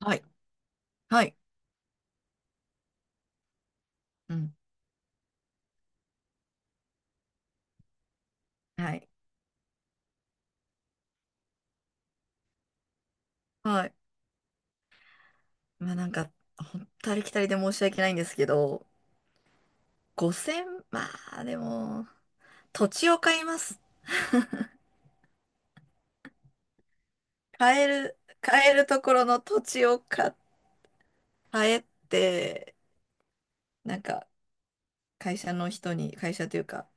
はい。はい。うん。はい。はい。まあなんか、ほんとありきたりで申し訳ないんですけど、5000、まあでも、土地を買います。買える、買えるところの土地を買えって、なんか、会社の人に、会社というか、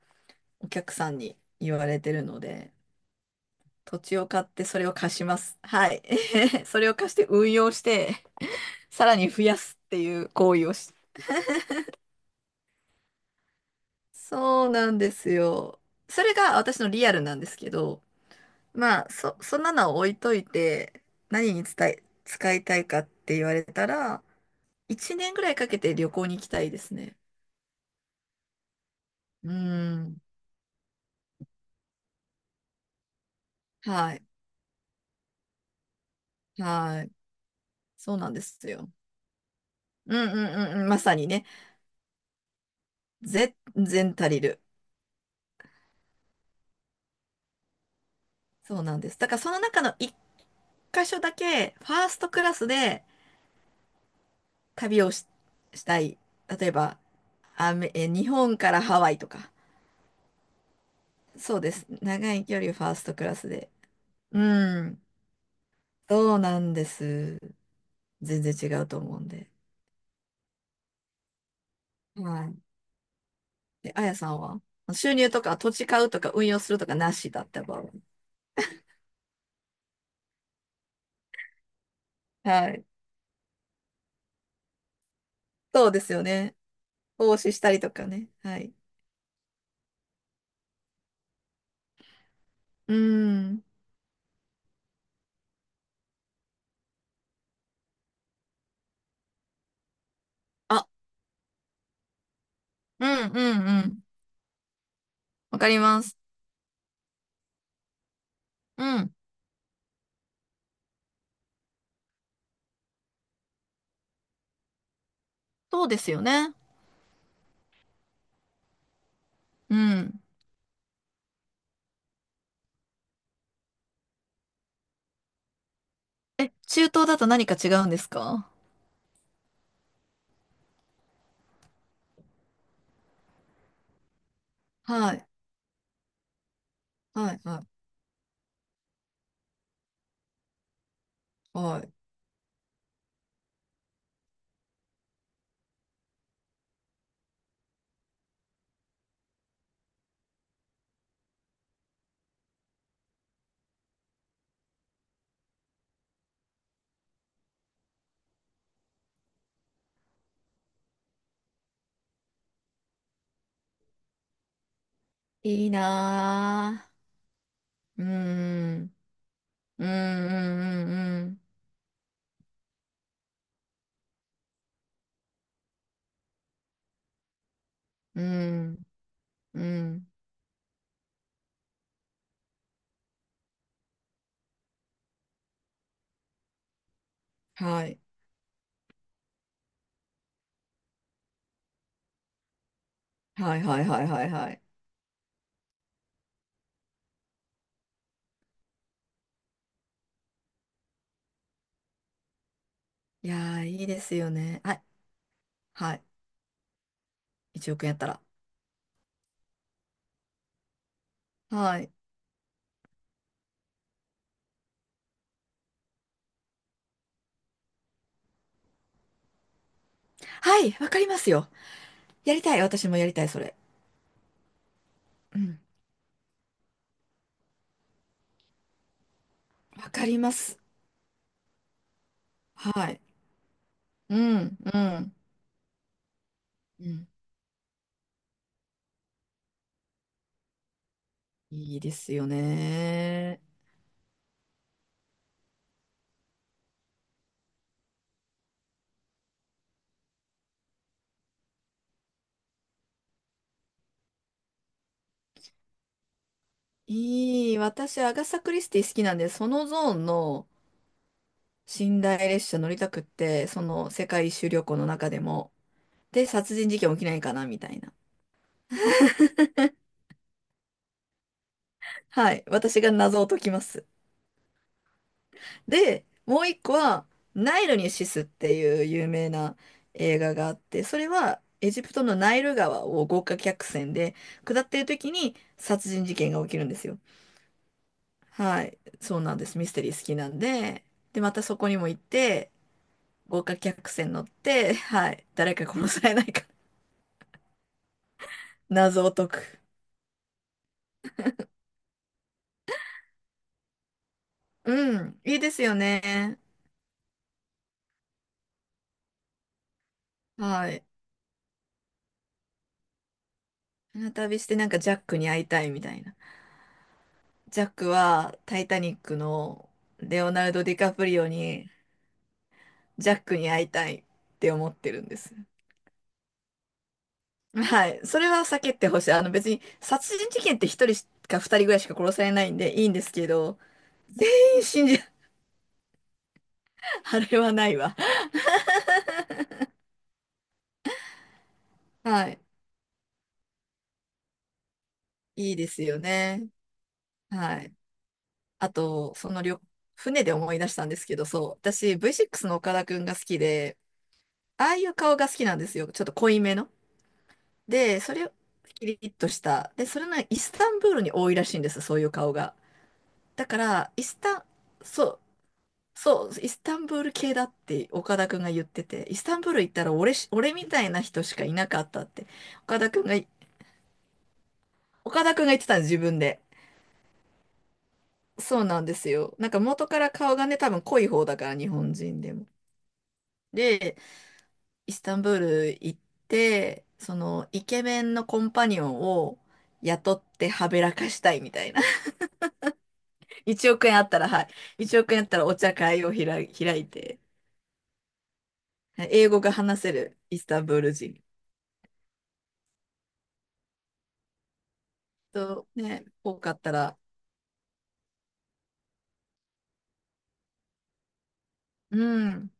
お客さんに言われてるので、土地を買ってそれを貸します。はい。それを貸して運用して、さらに増やすっていう行為をし。そうなんですよ。それが私のリアルなんですけど、まあ、そんなのを置いといて、何に使いたいかって言われたら、1年ぐらいかけて旅行に行きたいですね。うん。はい。はい。そうなんですよ。うんうんうんうん。まさにね。全然足りる。そうなんです。だからその中の一箇所だけ、ファーストクラスで旅をし、したい。例えば、アメ、え、日本からハワイとか。そうです。長い距離ファーストクラスで。うん。そうなんです。全然違うと思うんで。はい。で、あやさんは収入とか土地買うとか運用するとかなしだった場合。はい。そうですよね。投資したりとかね。はい。うん。あ、うんうんうん。わかります。うん。そうですよね。うん。え、中東だと何か違うんですか？はい。はい。はい。はい。いいなぁ。うん。うんうんうんうんうんうん。はいはいはいはいはいはい。いやーいいですよね。はい。はい。1億円やったら。はいはい、わかりますよ。やりたい、私もやりたいそれ。うん。わかります。はい。うんうんうん。いいですよね。いい、私アガサ・クリスティ好きなんで、そのゾーンの寝台列車乗りたくって、その世界一周旅行の中でもで殺人事件起きないかなみたいな。はい。私が謎を解きます。で、もう一個は、ナイルにシスっていう有名な映画があって、それはエジプトのナイル川を豪華客船で下ってる時に殺人事件が起きるんですよ。はい。そうなんです。ミステリー好きなんで。で、またそこにも行って、豪華客船乗って、はい。誰か殺されないか 謎を解く。うん。いいですよね。はい。船旅してなんかジャックに会いたいみたいな。ジャックはタイタニックのレオナルド・ディカプリオに。ジャックに会いたいって思ってるんです。はい。それは避けてほしい。あの別に殺人事件って一人しか二人ぐらいしか殺されないんでいいんですけど、全員死んじゃう。あれはないわ。はい。いいですよね。はい。あと、その旅、船で思い出したんですけど、そう。私 V6 の岡田くんが好きで、ああいう顔が好きなんですよ。ちょっと濃いめの。で、それをキリッとした。で、それがイスタンブールに多いらしいんです、そういう顔が。だから、イスタン、そう、そう、イスタンブール系だって岡田くんが言ってて、イスタンブール行ったら俺みたいな人しかいなかったって、岡田くんが、岡田くんが言ってたんです、自分で。そうなんですよ。なんか元から顔がね、多分濃い方だから、日本人でも。で、イスタンブール行って、その、イケメンのコンパニオンを雇ってはべらかしたいみたいな。1億円あったら、はい。1億円あったらお茶会を開い、開いて、はい、英語が話せるイスタンブール人とね、多かったら、うん。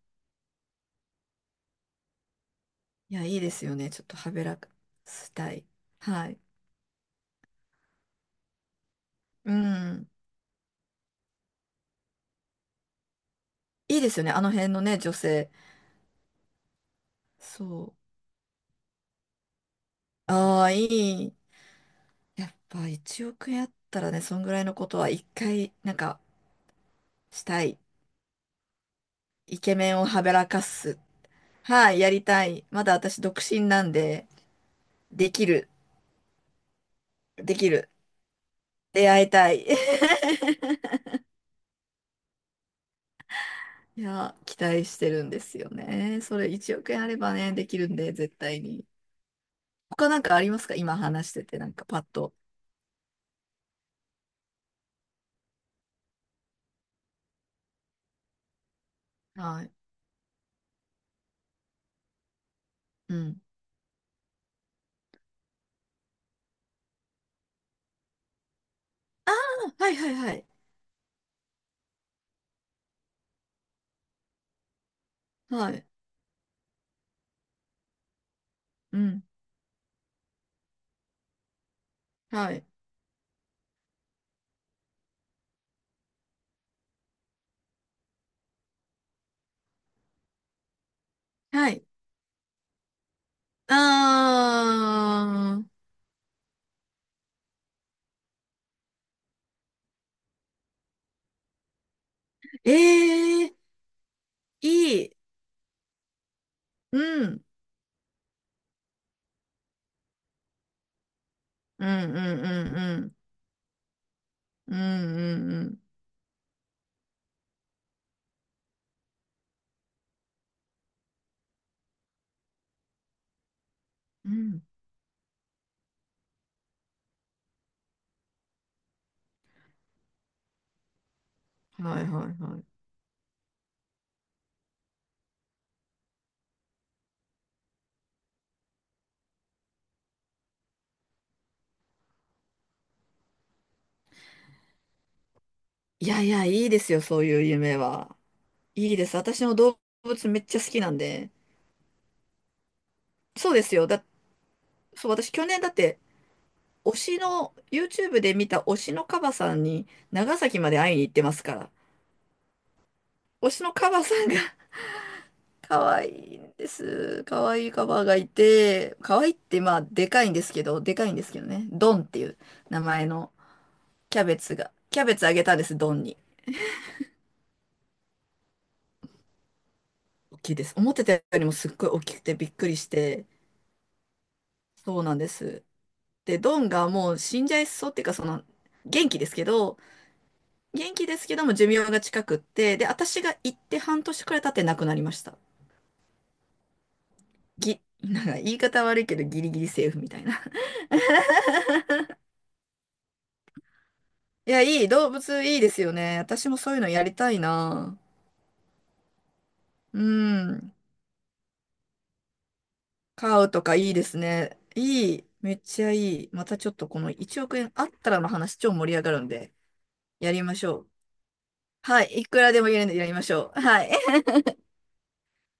いや、いいですよね。ちょっとはべらかしたい。はい。うん。いいですよね。あの辺のね、女性。そう。ああ、いい。やっぱ1億円あったらね、そんぐらいのことは一回、なんか、したい。イケメンをはべらかす。はい、やりたい。まだ私独身なんで、できる。できる。出会いたい。いや、期待してるんですよね。それ1億円あればね、できるんで、絶対に。他なんかありますか、今話してて、なんかパッと。はい。うん。ああ、はいはいはい。はい。うん。はい。はい。あー。ええ、いい。うん。うんうんうんうん。うんうんうん。うん。はいはいはい。いやいや、いいですよ、そういう夢は。いいです。私も動物めっちゃ好きなんで。そうですよ。そう、私去年だって、推しの、YouTube で見た推しのカバさんに長崎まで会いに行ってますから。推しのカバさんが 可愛いんです。可愛いカバがいて、可愛いってまあ、でかいんですけど、でかいんですけどね。ドンっていう名前のキャベツが、キャベツあげたんです、ドンに。大きいです。思ってたよりもすっごい大きくてびっくりして、そうなんです。で、ドンがもう死んじゃいそうっていうか、その、元気ですけど、元気ですけども寿命が近くって、で、私が行って半年くらい経って亡くなりました。ぎ、なんか言い方悪いけどギリギリセーフみたいな。いや、いい、動物いいですよね。私もそういうのやりたいな。うん。飼うとかいいですね。いい、めっちゃいい。またちょっとこの1億円あったらの話超盛り上がるんで、やりましょう。はい、いくらでも言えるんでやりましょう。はい。